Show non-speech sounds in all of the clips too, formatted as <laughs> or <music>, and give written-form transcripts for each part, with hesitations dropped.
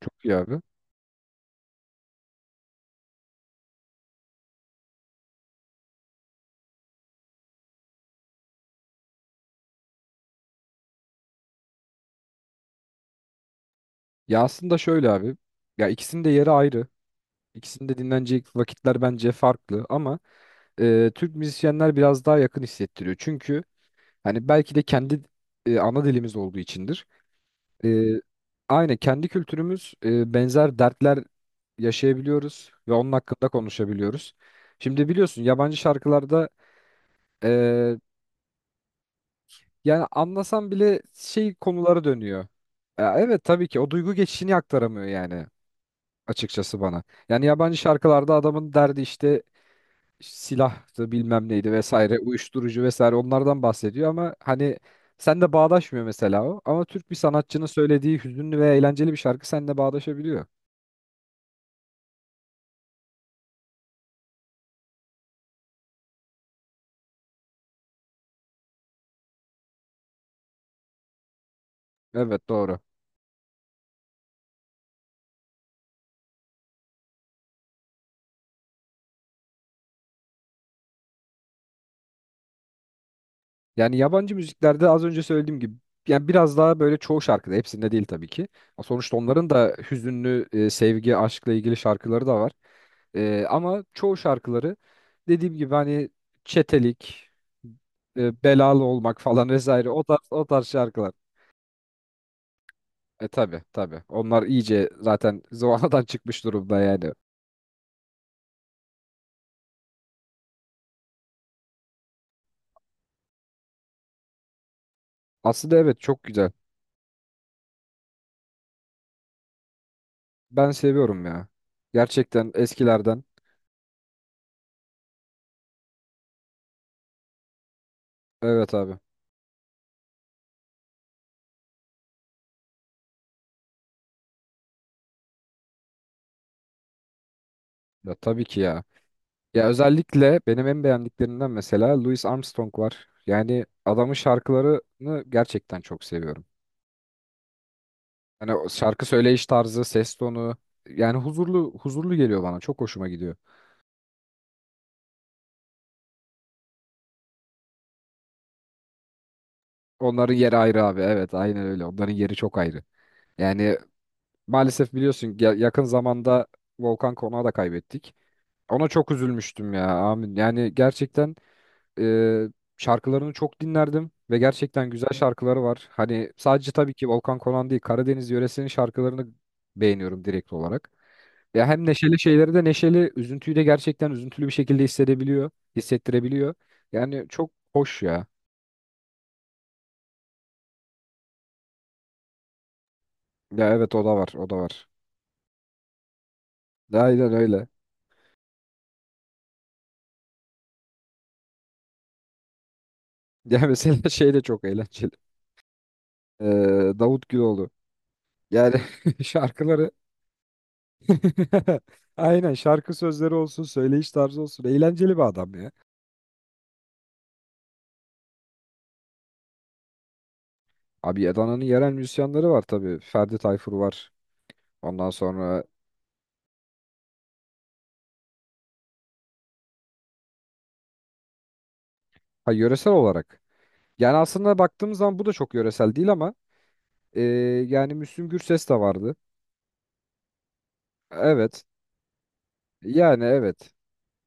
Çok iyi abi. Ya aslında şöyle abi. Ya ikisinin de yeri ayrı. İkisinin de dinlenecek vakitler bence farklı ama Türk müzisyenler biraz daha yakın hissettiriyor. Çünkü hani belki de kendi ana dilimiz olduğu içindir. E, Aynı kendi kültürümüz benzer dertler yaşayabiliyoruz ve onun hakkında konuşabiliyoruz. Şimdi biliyorsun yabancı şarkılarda e, yani anlasan bile şey konulara dönüyor. Ya evet tabii ki o duygu geçişini aktaramıyor yani açıkçası bana. Yani yabancı şarkılarda adamın derdi işte silahtı bilmem neydi vesaire uyuşturucu vesaire onlardan bahsediyor ama hani sen de bağdaşmıyor mesela o. Ama Türk bir sanatçının söylediği hüzünlü ve eğlenceli bir şarkı seninle bağdaşabiliyor. Evet doğru. Yani yabancı müziklerde az önce söylediğim gibi yani biraz daha böyle çoğu şarkıda hepsinde değil tabii ki. Sonuçta onların da hüzünlü sevgi, aşkla ilgili şarkıları da var. Ama çoğu şarkıları dediğim gibi hani çetelik, belalı olmak falan vesaire o tarz, o tarz şarkılar. E tabi tabi onlar iyice zaten zıvanadan <laughs> çıkmış durumda yani. Aslında evet çok güzel. Ben seviyorum ya. Gerçekten eskilerden. Evet abi. Ya tabii ki ya. Ya özellikle benim en beğendiklerimden mesela Louis Armstrong var. Yani adamın şarkılarını gerçekten çok seviyorum. Hani o şarkı söyleyiş tarzı, ses tonu yani huzurlu huzurlu geliyor bana. Çok hoşuma gidiyor. Onların yeri ayrı abi. Evet, aynen öyle. Onların yeri çok ayrı. Yani maalesef biliyorsun yakın zamanda Volkan Konak'ı da kaybettik. Ona çok üzülmüştüm ya. Amin. Yani gerçekten e, şarkılarını çok dinlerdim ve gerçekten güzel şarkıları var. Hani sadece tabii ki Volkan Konak değil, Karadeniz yöresinin şarkılarını beğeniyorum direkt olarak. Ya hem neşeli şeyleri de neşeli, üzüntüyü de gerçekten üzüntülü bir şekilde hissedebiliyor, hissettirebiliyor. Yani çok hoş ya. Ya evet o da var, o da var. Aynen öyle. Ya mesela <laughs> şey de çok eğlenceli. Ee, Davut Güloğlu. Yani <laughs> şarkıları <laughs> aynen şarkı sözleri olsun, söyleyiş tarzı olsun. Eğlenceli bir adam ya. Abi Adana'nın yerel müzisyenleri var tabii. Ferdi Tayfur var. Ondan sonra ha, yöresel olarak. Yani aslında baktığımız zaman bu da çok yöresel değil ama Ee, yani Müslüm Gürses de vardı. Evet. Yani evet.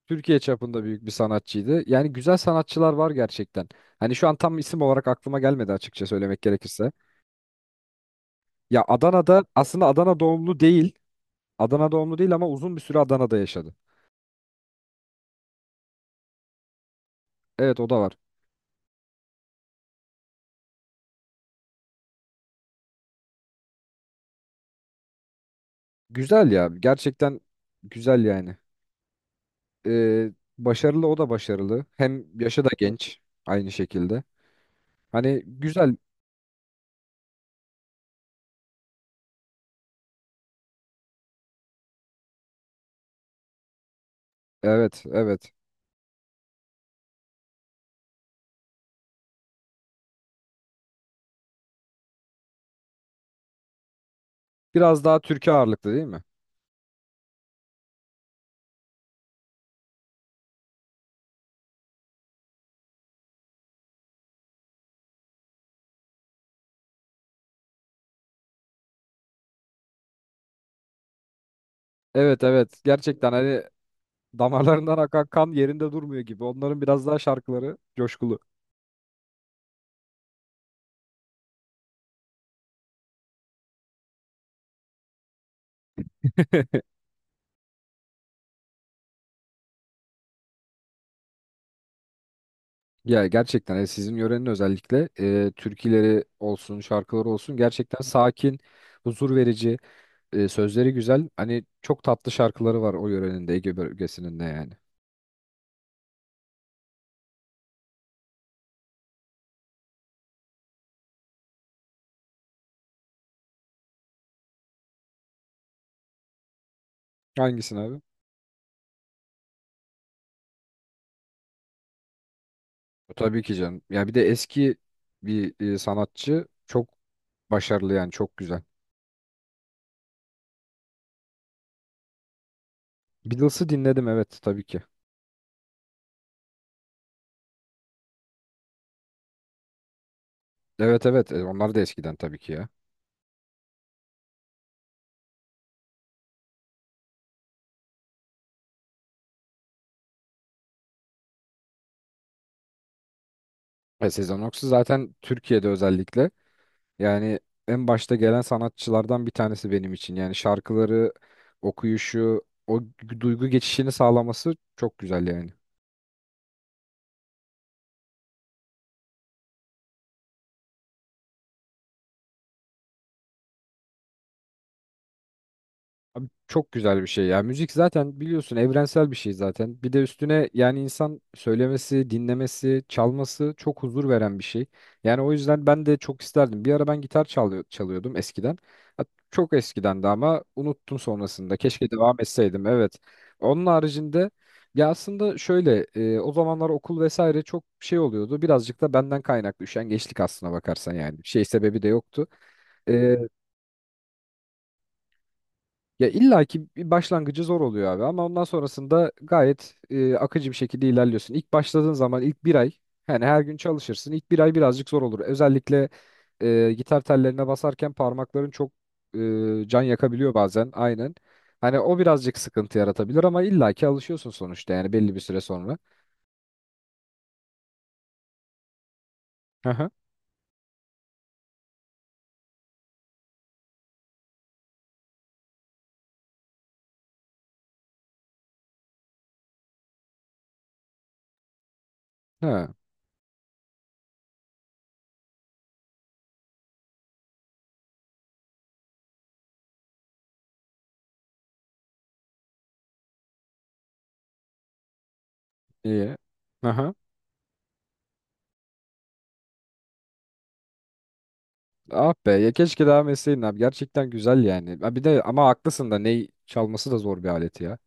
Türkiye çapında büyük bir sanatçıydı. Yani güzel sanatçılar var gerçekten. Hani şu an tam isim olarak aklıma gelmedi açıkça söylemek gerekirse. Ya Adana'da aslında Adana doğumlu değil. Adana doğumlu değil ama uzun bir süre Adana'da yaşadı. Evet o da var. Güzel ya. Gerçekten güzel yani. Ee, Başarılı o da başarılı. Hem yaşı da genç aynı şekilde. Hani güzel. Evet evet. Biraz daha Türkiye ağırlıklı değil mi? Evet evet gerçekten hani damarlarından akan kan yerinde durmuyor gibi. Onların biraz daha şarkıları coşkulu. <laughs> Ya gerçekten sizin yörenin özellikle türküleri olsun, şarkıları olsun gerçekten sakin, huzur verici, sözleri güzel. Hani çok tatlı şarkıları var o yörenin de Ege bölgesinin de yani. Hangisini abi? Tabii ki canım. Ya bir de eski bir sanatçı çok başarılı yani çok güzel. Beatles'ı dinledim evet tabii ki. Evet evet onlar da eskiden tabii ki ya. Ve Sezen Aksu zaten Türkiye'de özellikle yani en başta gelen sanatçılardan bir tanesi benim için. Yani şarkıları, okuyuşu, o duygu geçişini sağlaması çok güzel yani. Abi çok güzel bir şey ya. Müzik zaten biliyorsun evrensel bir şey zaten. Bir de üstüne yani insan söylemesi, dinlemesi, çalması çok huzur veren bir şey. Yani o yüzden ben de çok isterdim. Bir ara ben gitar çalıyordum eskiden. Ha, çok eskiden de ama unuttum sonrasında. Keşke devam etseydim. Evet. Onun haricinde ya aslında şöyle o zamanlar okul vesaire çok şey oluyordu. Birazcık da benden kaynaklı üşengeçlik aslına bakarsan yani. Şey sebebi de yoktu. E, Ya illaki bir başlangıcı zor oluyor abi ama ondan sonrasında gayet akıcı bir şekilde ilerliyorsun. İlk başladığın zaman ilk bir ay yani her gün çalışırsın. İlk bir ay birazcık zor olur. Özellikle gitar tellerine basarken parmakların çok can yakabiliyor bazen aynen. Hani o birazcık sıkıntı yaratabilir ama illa ki alışıyorsun sonuçta yani belli bir süre sonra. Hı hı. Ha, iyi. Aha. Hı. Ah be ya keşke devam etseydin abi gerçekten güzel yani. Ha, bir de ama haklısın da ney çalması da zor bir alet ya.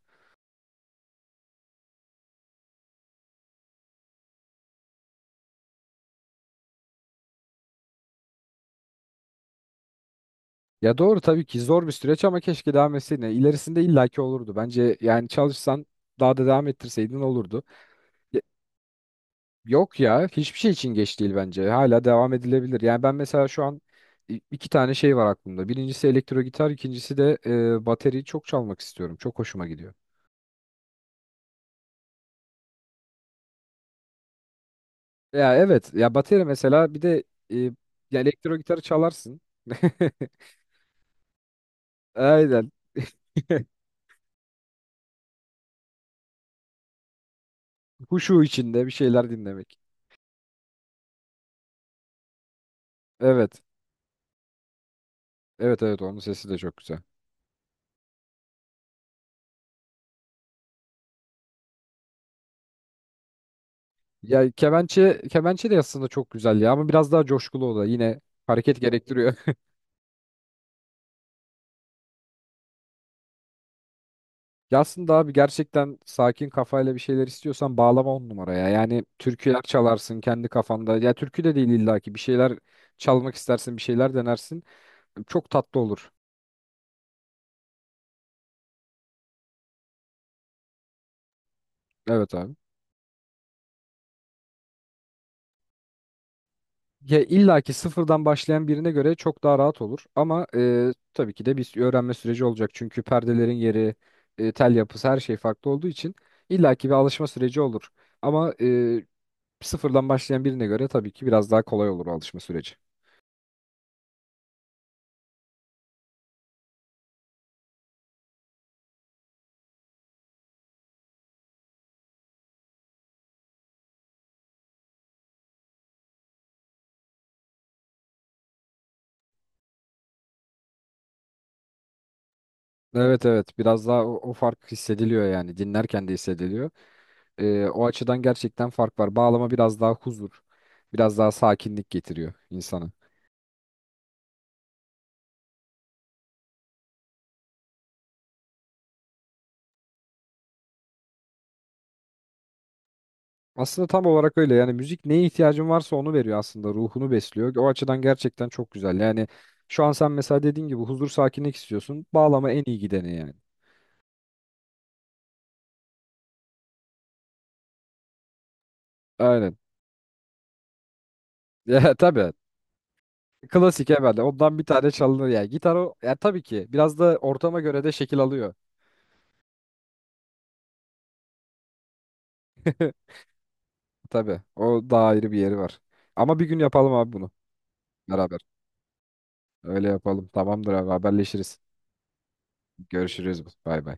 Ya doğru tabii ki zor bir süreç ama keşke devam etseydin. Yani İlerisinde illaki olurdu. Bence yani çalışsan daha da devam ettirseydin olurdu. Ya- Yok ya hiçbir şey için geç değil bence. Hala devam edilebilir. Yani ben mesela şu an iki tane şey var aklımda. Birincisi elektro gitar, ikincisi de bateriyi çok çalmak istiyorum. Çok hoşuma gidiyor. Ya evet ya bateri mesela bir de e, ya elektro gitarı çalarsın. <laughs> Aynen. <laughs> Huşu içinde bir şeyler dinlemek. Evet. Evet evet onun sesi de çok güzel. Ya kemençe de aslında çok güzel ya ama biraz daha coşkulu o da yine hareket gerektiriyor. <laughs> Ya aslında abi gerçekten sakin kafayla bir şeyler istiyorsan bağlama on numaraya. Yani türküler çalarsın kendi kafanda. Ya türkü de değil illaki bir şeyler çalmak istersin, bir şeyler denersin. Çok tatlı olur. Evet abi. Ya illaki sıfırdan başlayan birine göre çok daha rahat olur ama tabii ki de bir öğrenme süreci olacak. Çünkü perdelerin yeri, tel yapısı her şey farklı olduğu için illaki bir alışma süreci olur. Ama sıfırdan başlayan birine göre tabii ki biraz daha kolay olur o alışma süreci. Evet evet biraz daha o, o fark hissediliyor yani dinlerken de hissediliyor. O açıdan gerçekten fark var. Bağlama biraz daha huzur, biraz daha sakinlik getiriyor insana. Aslında tam olarak öyle yani müzik neye ihtiyacın varsa onu veriyor aslında ruhunu besliyor. O açıdan gerçekten çok güzel. Yani şu an sen mesela dediğin gibi huzur sakinlik istiyorsun. Bağlama en iyi gideni yani. Aynen. <laughs> Ya, tabii klasik evet. Ondan bir tane çalınır yani. Gitar o yani tabii ki biraz da ortama göre de şekil alıyor. <laughs> Tabii. O daha ayrı bir yeri var. Ama bir gün yapalım abi bunu beraber. Öyle yapalım. Tamamdır abi haberleşiriz. Görüşürüz. Bay bay.